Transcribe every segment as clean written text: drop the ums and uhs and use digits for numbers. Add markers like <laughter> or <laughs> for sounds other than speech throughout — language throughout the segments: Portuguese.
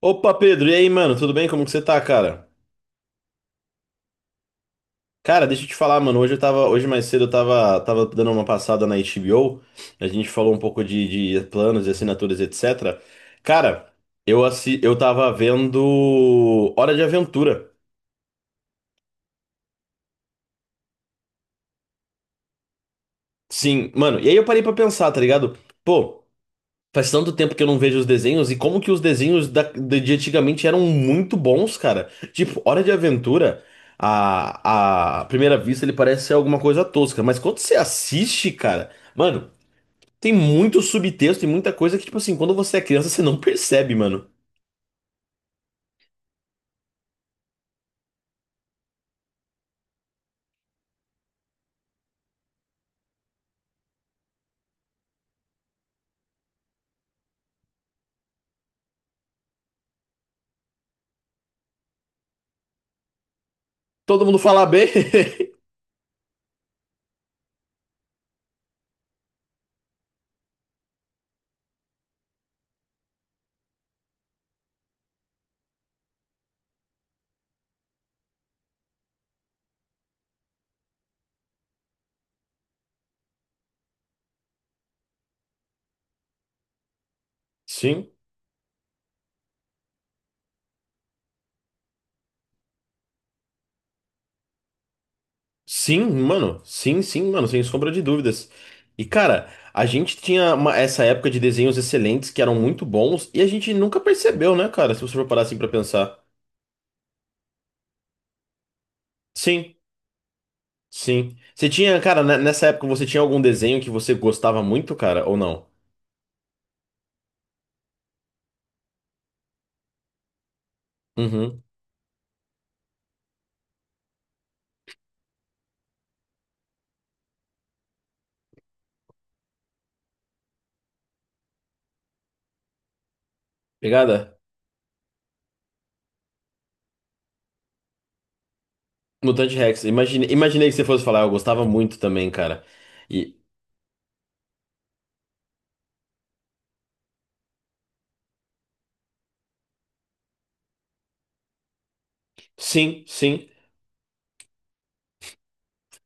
Opa, Pedro, e aí, mano? Tudo bem? Como que você tá, cara? Cara, deixa eu te falar, mano. Hoje mais cedo eu tava, dando uma passada na HBO. A gente falou um pouco de planos e assinaturas, etc. Cara, eu tava vendo Hora de Aventura. Sim, mano. E aí eu parei pra pensar, tá ligado? Pô. Faz tanto tempo que eu não vejo os desenhos e como que de antigamente eram muito bons, cara. Tipo, Hora de Aventura, a à primeira vista ele parece ser alguma coisa tosca, mas quando você assiste, cara, mano, tem muito subtexto e muita coisa que, tipo assim, quando você é criança, você não percebe, mano. Todo mundo fala bem. <laughs> Sim. Sim, mano. Sim, sim, mano, sem sombra de dúvidas. E, cara, a gente tinha uma- essa época de desenhos excelentes que eram muito bons e a gente nunca percebeu, né, cara? Se você for parar assim pra pensar. Sim, sim. Você tinha, cara, nessa época você tinha algum desenho que você gostava muito, cara, ou não? Uhum. Pegada? Mutante Rex. Imaginei que você fosse falar, eu gostava muito também, cara. E sim, sim.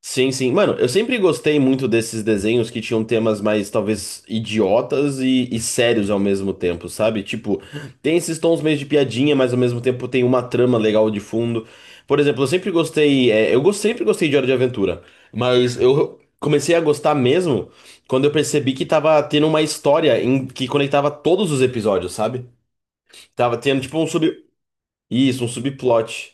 Sim, sim. Mano, eu sempre gostei muito desses desenhos que tinham temas mais, talvez, idiotas e sérios ao mesmo tempo, sabe? Tipo, tem esses tons meio de piadinha, mas ao mesmo tempo tem uma trama legal de fundo. Por exemplo, eu sempre gostei. Sempre gostei de Hora de Aventura, mas eu comecei a gostar mesmo quando eu percebi que tava tendo uma que conectava todos os episódios, sabe? Tava tendo, tipo, um sub. Isso, um subplot.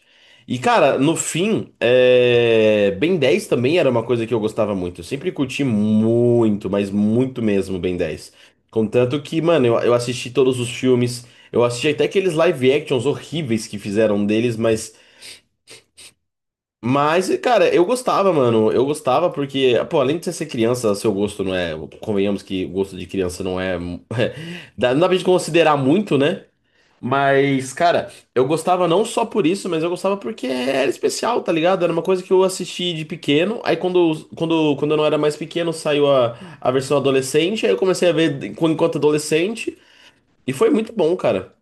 E, cara, no fim, é... Ben 10 também era uma coisa que eu gostava muito. Eu sempre curti muito, mas muito mesmo Ben dez. Contanto que, mano, eu assisti todos os filmes. Eu assisti até aqueles live actions horríveis que fizeram deles, mas. Mas, cara, eu gostava, mano. Eu gostava porque, pô, além de você ser criança, seu gosto não é. Convenhamos que o gosto de criança não é. <laughs> Não dá pra gente considerar muito, né? Mas, cara, eu gostava não só por isso, mas eu gostava porque era especial, tá ligado? Era uma coisa que eu assisti de pequeno. Aí quando eu não era mais pequeno, saiu a versão adolescente. Aí eu comecei a ver enquanto adolescente. E foi muito bom, cara.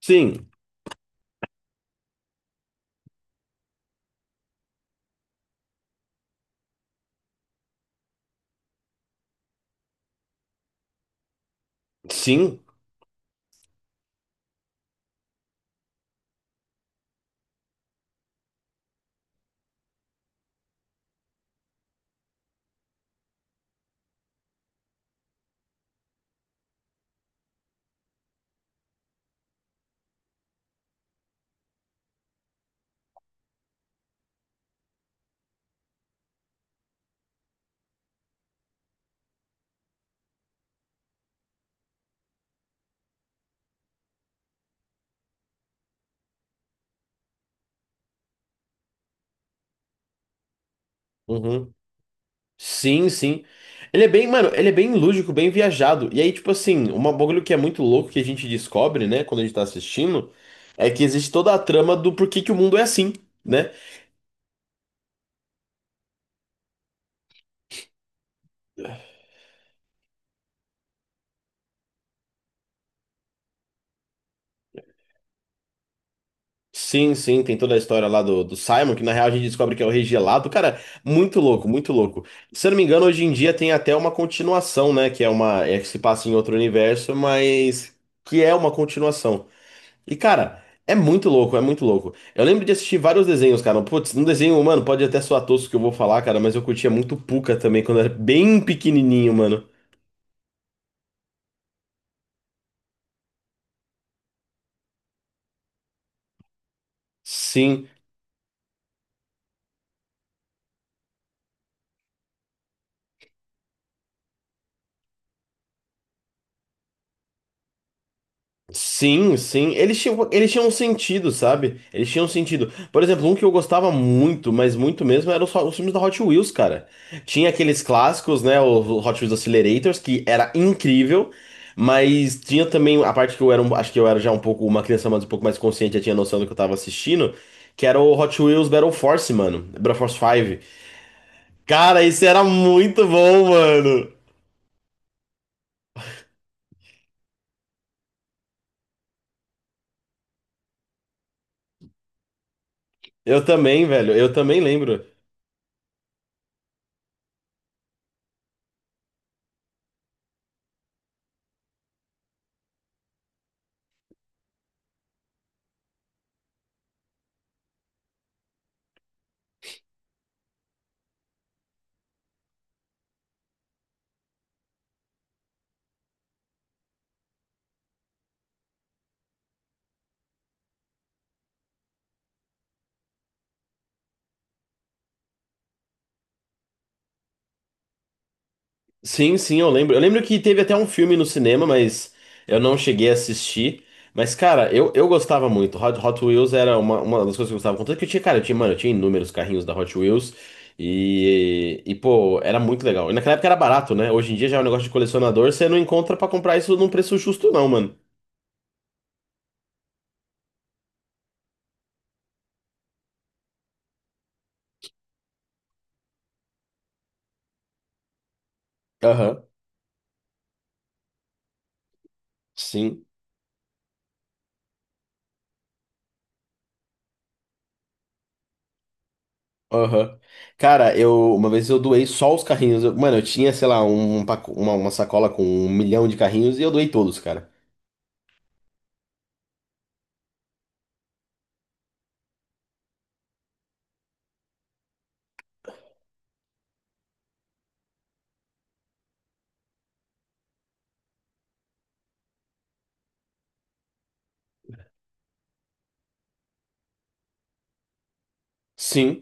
Sim, sim. Uhum. Sim, sim. Ele é bem, mano, ele é bem lúdico, bem viajado. E aí, tipo assim, um bagulho que é muito louco que a gente descobre, né, quando a gente tá assistindo, é que existe toda a trama do porquê que o mundo é assim. Né? Sim, sim, tem toda a história lá do, do Simon, que na real a gente descobre que é o Rei Gelado. Cara, muito louco, muito louco. Se eu não me engano, hoje em dia tem até uma continuação, né? Que é uma. É que se passa em outro universo, mas que é uma continuação. E, cara, é muito louco, é muito louco. Eu lembro de assistir vários desenhos, cara. Putz, um desenho, mano, pode até soar tosco que eu vou falar, cara, mas eu curtia muito Pucca também, quando eu era bem pequenininho, mano. Sim. Sim, sim. Eles tinham um sentido, sabe? Eles tinham um sentido. Por exemplo, um que eu gostava muito, mas muito mesmo, eram os filmes da Hot Wheels, cara. Tinha aqueles clássicos, né? O Hot Wheels Accelerators, que era incrível. Mas tinha também a parte que acho que eu era já um pouco uma criança mais um pouco mais consciente, já tinha noção do que eu tava assistindo, que era o Hot Wheels Battle Force, mano. Battle Force 5. Cara, isso era muito bom, mano. Eu também, velho. Eu também lembro. Sim, sim, eu lembro. Eu lembro que teve até um filme no cinema, mas eu não cheguei a assistir. Mas, cara, eu gostava muito. Hot Wheels era uma das coisas que eu gostava. Contanto que eu tinha, cara, eu tinha, mano, eu tinha inúmeros carrinhos da Hot Wheels. Pô, era muito legal. E naquela época era barato, né? Hoje em dia já é um negócio de colecionador, você não encontra pra comprar isso num preço justo, não, mano. Aham, sim, aham. Cara, eu uma vez eu doei só os carrinhos. Mano, eu tinha, sei lá, uma sacola com um milhão de carrinhos e eu doei todos, cara. Sim.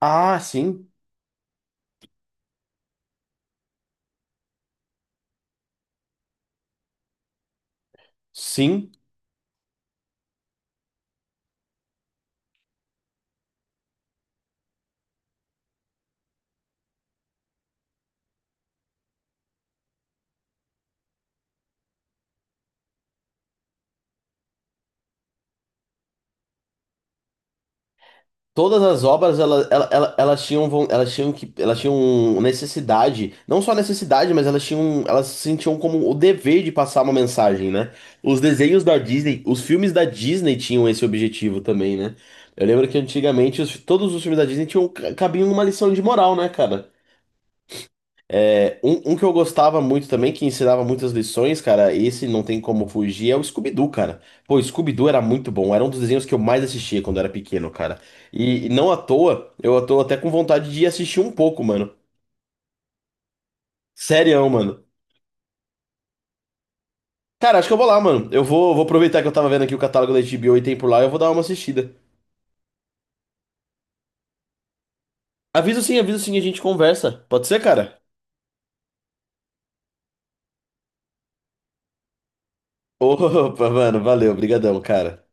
Ah, sim, sim. Todas as obras elas tinham elas tinham que elas tinham necessidade, não só necessidade, mas elas tinham elas se sentiam como o dever de passar uma mensagem, né? Os desenhos da Disney, os filmes da Disney tinham esse objetivo também, né? Eu lembro que antigamente todos os filmes da Disney tinham cabiam uma lição de moral, né, cara? É, um que eu gostava muito também, que ensinava muitas lições, cara, esse não tem como fugir, é o Scooby-Doo, cara. Pô, o Scooby-Doo era muito bom, era um dos desenhos que eu mais assistia quando era pequeno, cara. E não à toa, eu tô até com vontade de ir assistir um pouco, mano. Sério, mano. Cara, acho que eu vou lá, mano. Vou aproveitar que eu tava vendo aqui o catálogo da HBO e tem por lá, eu vou dar uma assistida. Aviso sim, a gente conversa. Pode ser, cara? <laughs> Opa, mano, valeu, brigadão, cara.